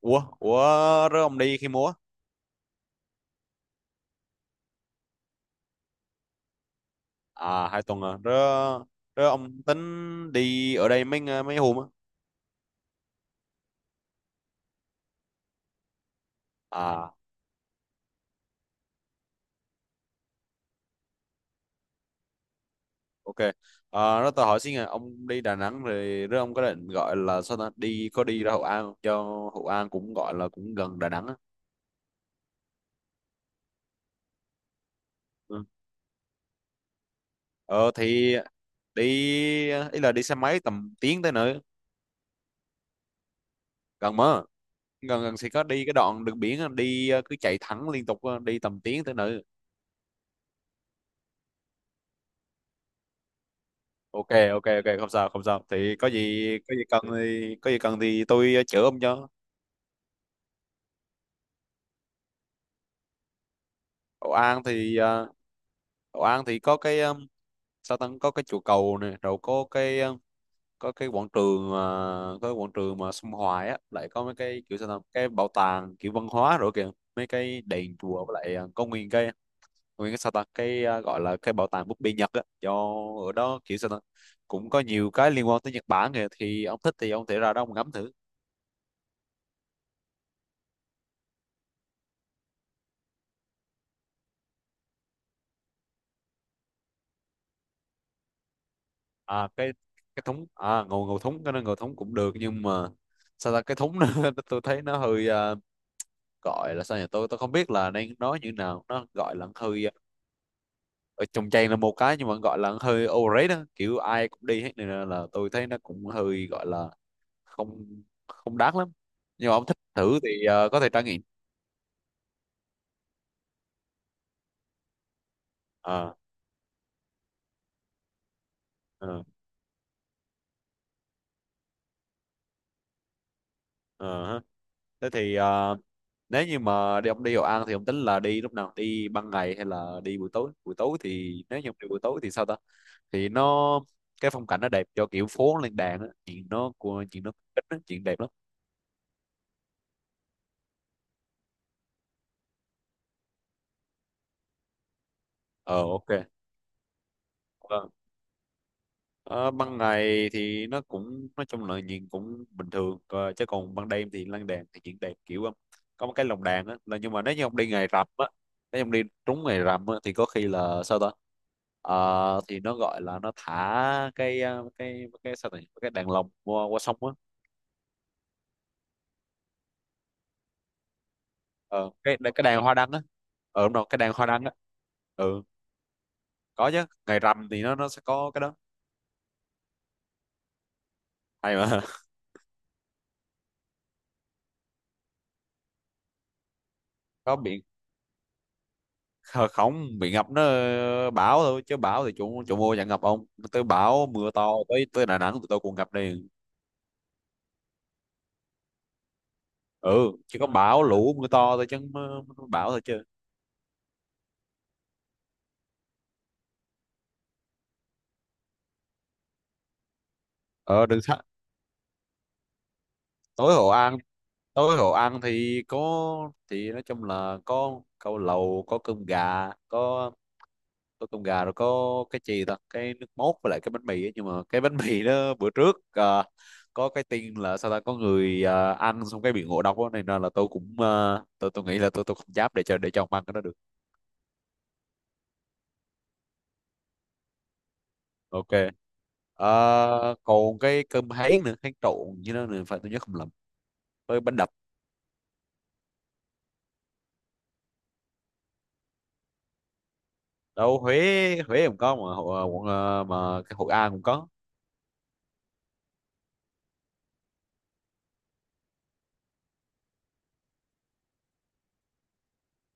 Ủa, ủa, rớ ông đi khi múa? À, 2 tuần à. Rớ, ông tính đi ở đây mấy hôm á? À, ok. À, rớ tao hỏi xin à, ông đi Đà Nẵng rồi rớ ông có định gọi là sao ta? Đi, có đi ra Hội An không? Cho Hội An cũng gọi là cũng gần Đà Nẵng á. Ừ. Ờ, thì đi, ý là đi xe máy tầm tiếng tới nữa. Gần mà. Gần gần thì có đi cái đoạn đường biển á, đi cứ chạy thẳng liên tục á, đi tầm tiếng tới nữa. Ok, ok, ok, không sao, không sao, thì có gì cần thì tôi chữa ông cho. Hậu An thì ờ, Hậu An thì có cái sao ta, có cái chùa cầu này, rồi có cái ờ, có cái quảng trường mà có cái quảng trường mà sông Hoài á, lại có mấy cái kiểu sao ta, cái bảo tàng kiểu văn hóa rồi kìa, mấy cái đền chùa, với lại có nguyên cái sao ta cái gọi là cái bảo tàng búp bê Nhật á, do ở đó kiểu sao ta cũng có nhiều cái liên quan tới Nhật Bản kìa, thì ông thích thì ông thể ra đó ông ngắm thử. à, cái cái thúng, ngầu ngầu thúng, cái nó ngầu thúng cũng được, nhưng mà sao ta cái thúng nó tôi thấy nó hơi gọi là sao nhỉ, tôi không biết là đang nói như nào, nó gọi là hơi à, ở trong trang là một cái, nhưng mà gọi là hơi overrated đó. Kiểu ai cũng đi hết, nên là tôi thấy nó cũng hơi gọi là không không đáng lắm, nhưng mà ông thích thử thì có thể trải nghiệm. Ờ, ờ, ờ ha. Thế thì nếu như mà đi, ông đi Hội An thì ông tính là đi lúc nào? Đi ban ngày hay là đi buổi tối? Buổi tối thì nếu như ông đi buổi tối thì sao ta, thì nó cái phong cảnh nó đẹp, cho kiểu phố lên đàn á, chuyện nó của chuyện nó ít á, chuyện đẹp lắm. Ờ, ok. Vâng. Ờ, ban ngày thì nó cũng nói chung là nhìn cũng bình thường. Ờ, chứ còn ban đêm thì lan đàn thì chuyện đẹp, kiểu có một cái lồng đàn á, là nhưng mà nếu như ông đi trúng ngày rằm á thì có khi là sao ta. Ờ, thì nó gọi là nó thả cái cái sao này, cái đàn lồng qua sông á. Ờ, cái đàn hoa đăng á. Ờ, đúng rồi, cái đàn hoa đăng á. Ừ, có chứ, ngày rằm thì nó sẽ có cái đó. Hay mà. Có bị, không bị ngập, nó bão thôi, chứ bão thì chủ chủ mua chẳng ngập ông. Tới bão mưa to, tới tới Đà Nẵng tụi tôi cũng ngập đi. Ừ, chỉ có bão lũ mưa to thôi chứ không, bão thôi chứ. Ờ đừng xa, tối Hội An tối Hội An thì có, thì nói chung là có câu lầu, có cơm gà, có cơm gà, rồi có cái gì ta, cái nước mốt, với lại cái bánh mì ấy. Nhưng mà cái bánh mì đó, bữa trước có cái tin là sao ta, có người ăn xong cái bị ngộ độc đó, này nên là tôi cũng tôi nghĩ là tôi không dám để cho ông ăn cái đó được. Ok. Ờ, còn cái cơm háy nữa, háy trộn như đó nữa, phải tôi nhớ không lầm, với bánh đập đâu. Huế Huế cũng có mà, quận mà cái Hội An cũng có.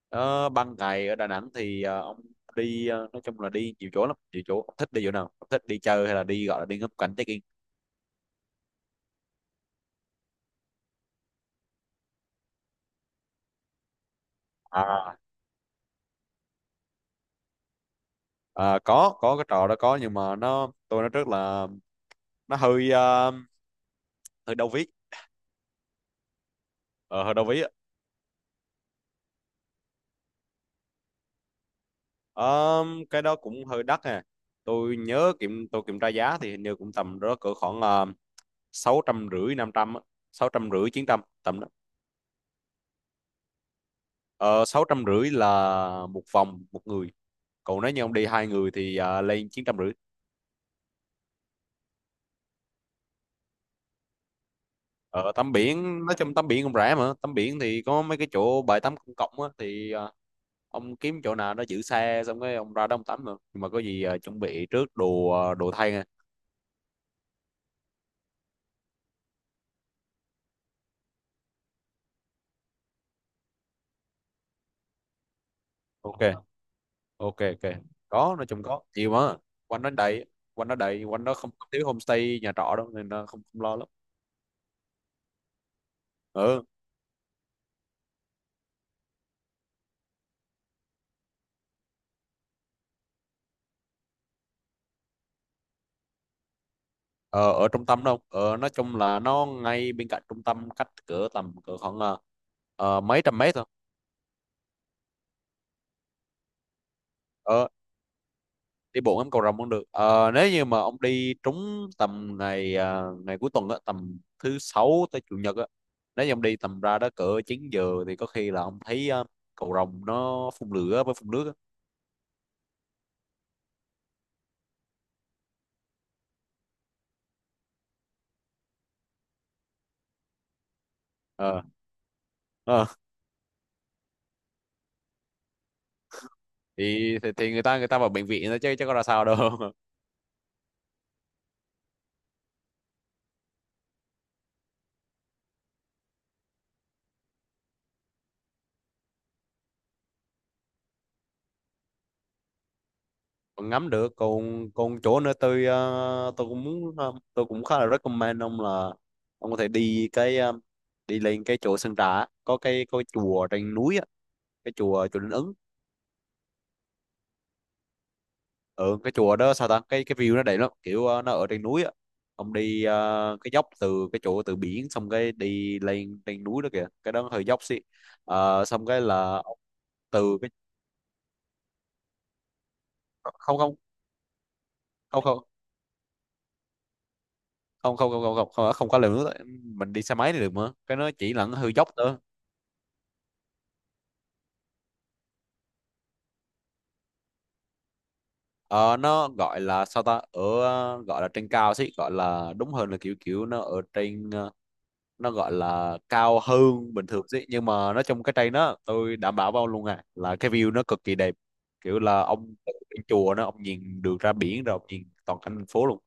Ờ, ban ngày ở Đà Nẵng thì ông đi nói chung là đi nhiều chỗ lắm, nhiều chỗ ông thích đi chỗ nào ông thích đi chơi hay là đi, gọi là đi ngắm cảnh check in. à, có cái trò đó có, nhưng mà nó tôi nói trước là nó hơi ờ, hơi đau ví ờ, hơi đau ví á. Ờ, cái đó cũng hơi đắt nè. Tôi nhớ kiểm tra giá thì hình như cũng tầm đó, cỡ khoảng 650, 500, 650, 900 tầm đó. Ờ, 650 là một vòng một người. Còn nếu như ông đi hai người thì lên 950. Ờ, tắm biển nói chung tắm biển cũng rẻ mà. Tắm biển thì có mấy cái chỗ bãi tắm công cộng á, thì ông kiếm chỗ nào nó giữ xe, xong cái ông ra đó ông tắm mà. Nhưng mà có gì chuẩn bị trước đồ, đồ thay nha. Ok, ok, ok. Có nói chung có nhiều mà, quanh đó đầy quanh đó đầy, quanh đó không có thiếu homestay nhà trọ đâu, nên là không, không lo lắm. Ừ. Ờ, ở trung tâm đâu. Ờ, nói chung là nó ngay bên cạnh trung tâm, cách cỡ tầm, cỡ khoảng mấy trăm mét thôi. Ờ, đi bộ ngắm cầu Rồng cũng được. Ờ, nếu như mà ông đi trúng tầm ngày cuối tuần á, tầm thứ sáu tới chủ nhật á. Nếu như ông đi tầm ra đó cỡ 9 giờ thì có khi là ông thấy cầu Rồng nó phun lửa với phun nước á. Ờ. Ờ, thì người ta vào bệnh viện thôi, chứ chứ có ra sao đâu. Còn ngắm được, còn còn chỗ nữa. Tôi cũng muốn, tôi cũng khá là recommend ông là ông có thể đi đi lên cái chỗ Sơn Trà á. Có cái, có cái chùa trên núi á, cái chùa chùa Linh Ứng. Ừ, cái chùa đó sao ta, cái view nó đẹp lắm kiểu, nó ở trên núi á. Ông đi cái dốc từ cái chỗ từ biển, xong cái đi lên trên núi đó kìa, cái đó hơi dốc xí. Ờ, xong cái là từ cái, không, không, không, không, không, không, không, không, không, không, không có leo núi đó. Mình đi xe máy thì được, mà cái nó chỉ là hơi dốc thôi. Ờ, nó gọi là sao ta, ở gọi là trên cao xí, gọi là đúng hơn là kiểu kiểu nó ở trên, nó gọi là cao hơn bình thường chứ. Nhưng mà nó trong cái cây đó, tôi đảm bảo với ông luôn à, là cái view nó cực kỳ đẹp. Kiểu là ông từ trên chùa, nó ông nhìn được ra biển, rồi ông nhìn toàn cảnh thành phố luôn.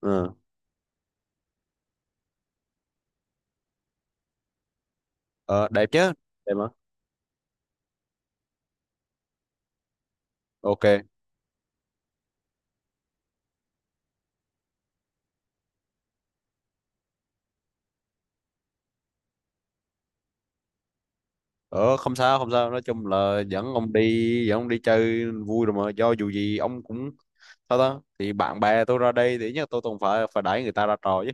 Ừ. Ờ, đẹp chứ, đẹp mà. Ok. Ờ, không sao, không sao. Nói chung là dẫn ông đi chơi vui rồi mà, do dù gì ông cũng sao ta. Thì bạn bè tôi ra đây thì nhất, tôi cũng phải phải đẩy người ta ra trò chứ.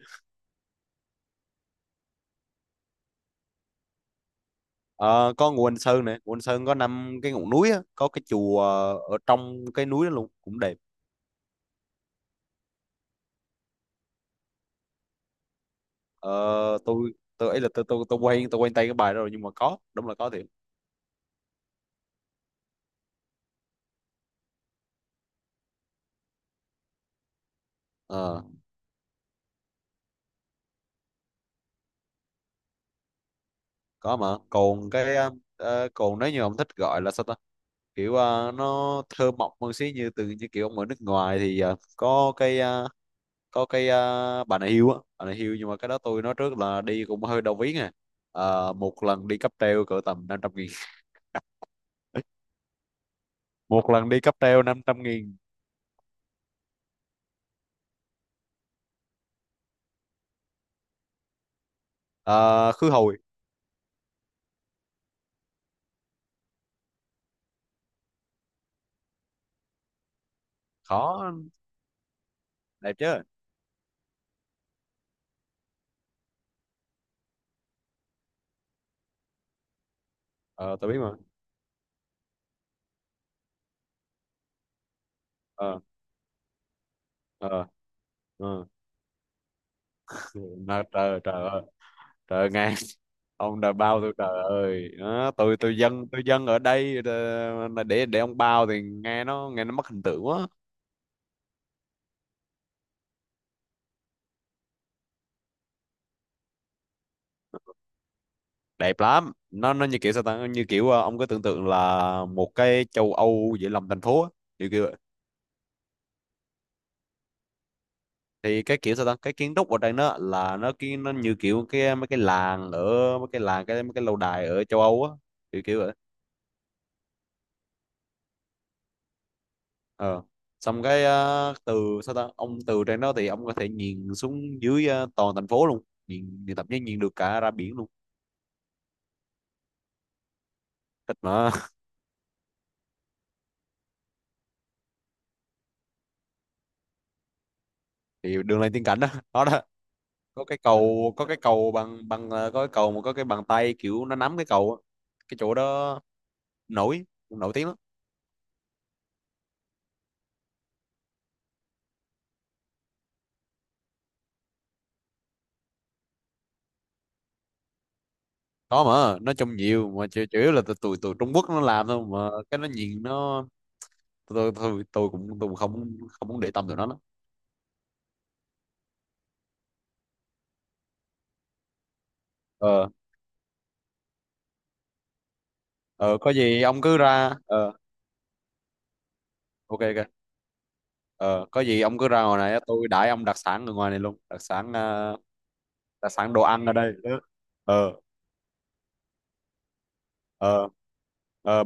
Ờ, có Ngũ Hành Sơn này, Ngũ Hành Sơn có năm cái ngọn núi á, có cái chùa ở trong cái núi đó luôn, cũng đẹp. Ờ, tôi ấy là tôi quen tay cái bài đó rồi, nhưng mà có đúng là có thiệt. Ờ, có mà, còn cái còn nếu như ông thích gọi là sao ta, kiểu nó thơ mộng hơn xí. Như từ như kiểu ông ở nước ngoài thì bà này hiêu. Nhưng mà cái đó tôi nói trước là đi cũng hơi đau ví à. Ờ, một lần đi cáp treo cỡ tầm 500.000. Một lần đi cáp treo 500.000. Ờ, khứ hồi. Khó. Đẹp chứ. Ờ, tôi biết mà. Ờ. Ờ. Ờ. Mà trời, trời ơi, trời ngàn. Ông đã bao tôi, trời ơi nó, tôi dân ở đây. Ờ, để ông bao thì nghe nó, mất hình tượng quá. Đẹp lắm. Nó như kiểu sao ta, như kiểu ông cứ tưởng tượng là một cái châu Âu giữa lòng thành phố á, kiểu kiểu vậy. Thì cái kiểu sao ta, cái kiến trúc ở đây nó là, nó cái nó như kiểu cái mấy cái làng ở mấy cái làng cái mấy cái lâu đài ở châu Âu á, kiểu kiểu vậy. Ờ, xong cái từ sao ta, ông từ trên đó thì ông có thể nhìn xuống dưới, toàn thành phố luôn, nhìn thậm chí nhìn được cả ra biển luôn. Thích mà. Thì đường lên tiên cảnh đó. Đó. Đó. Có cái cầu có cái cầu bằng bằng ờ, có cái cầu mà có cái bàn tay kiểu nó nắm cái cầu á. Cái chỗ đó nổi nổi tiếng lắm. Có mà, nói chung nhiều mà, chủ yếu là tụi tụi tụi Trung Quốc nó làm thôi mà, cái nó nhìn nó. Tôi tôi cũng không không muốn để tâm tụi nó lắm. Ờ. Ờ, có gì ông cứ ra. Ờ. Ok, ok. Ờ, có gì ông cứ ra ngoài này, tôi đãi ông đặc sản ở ngoài này luôn. Đặc sản đồ ăn ở đây. Ờ. Ờ. Ờ.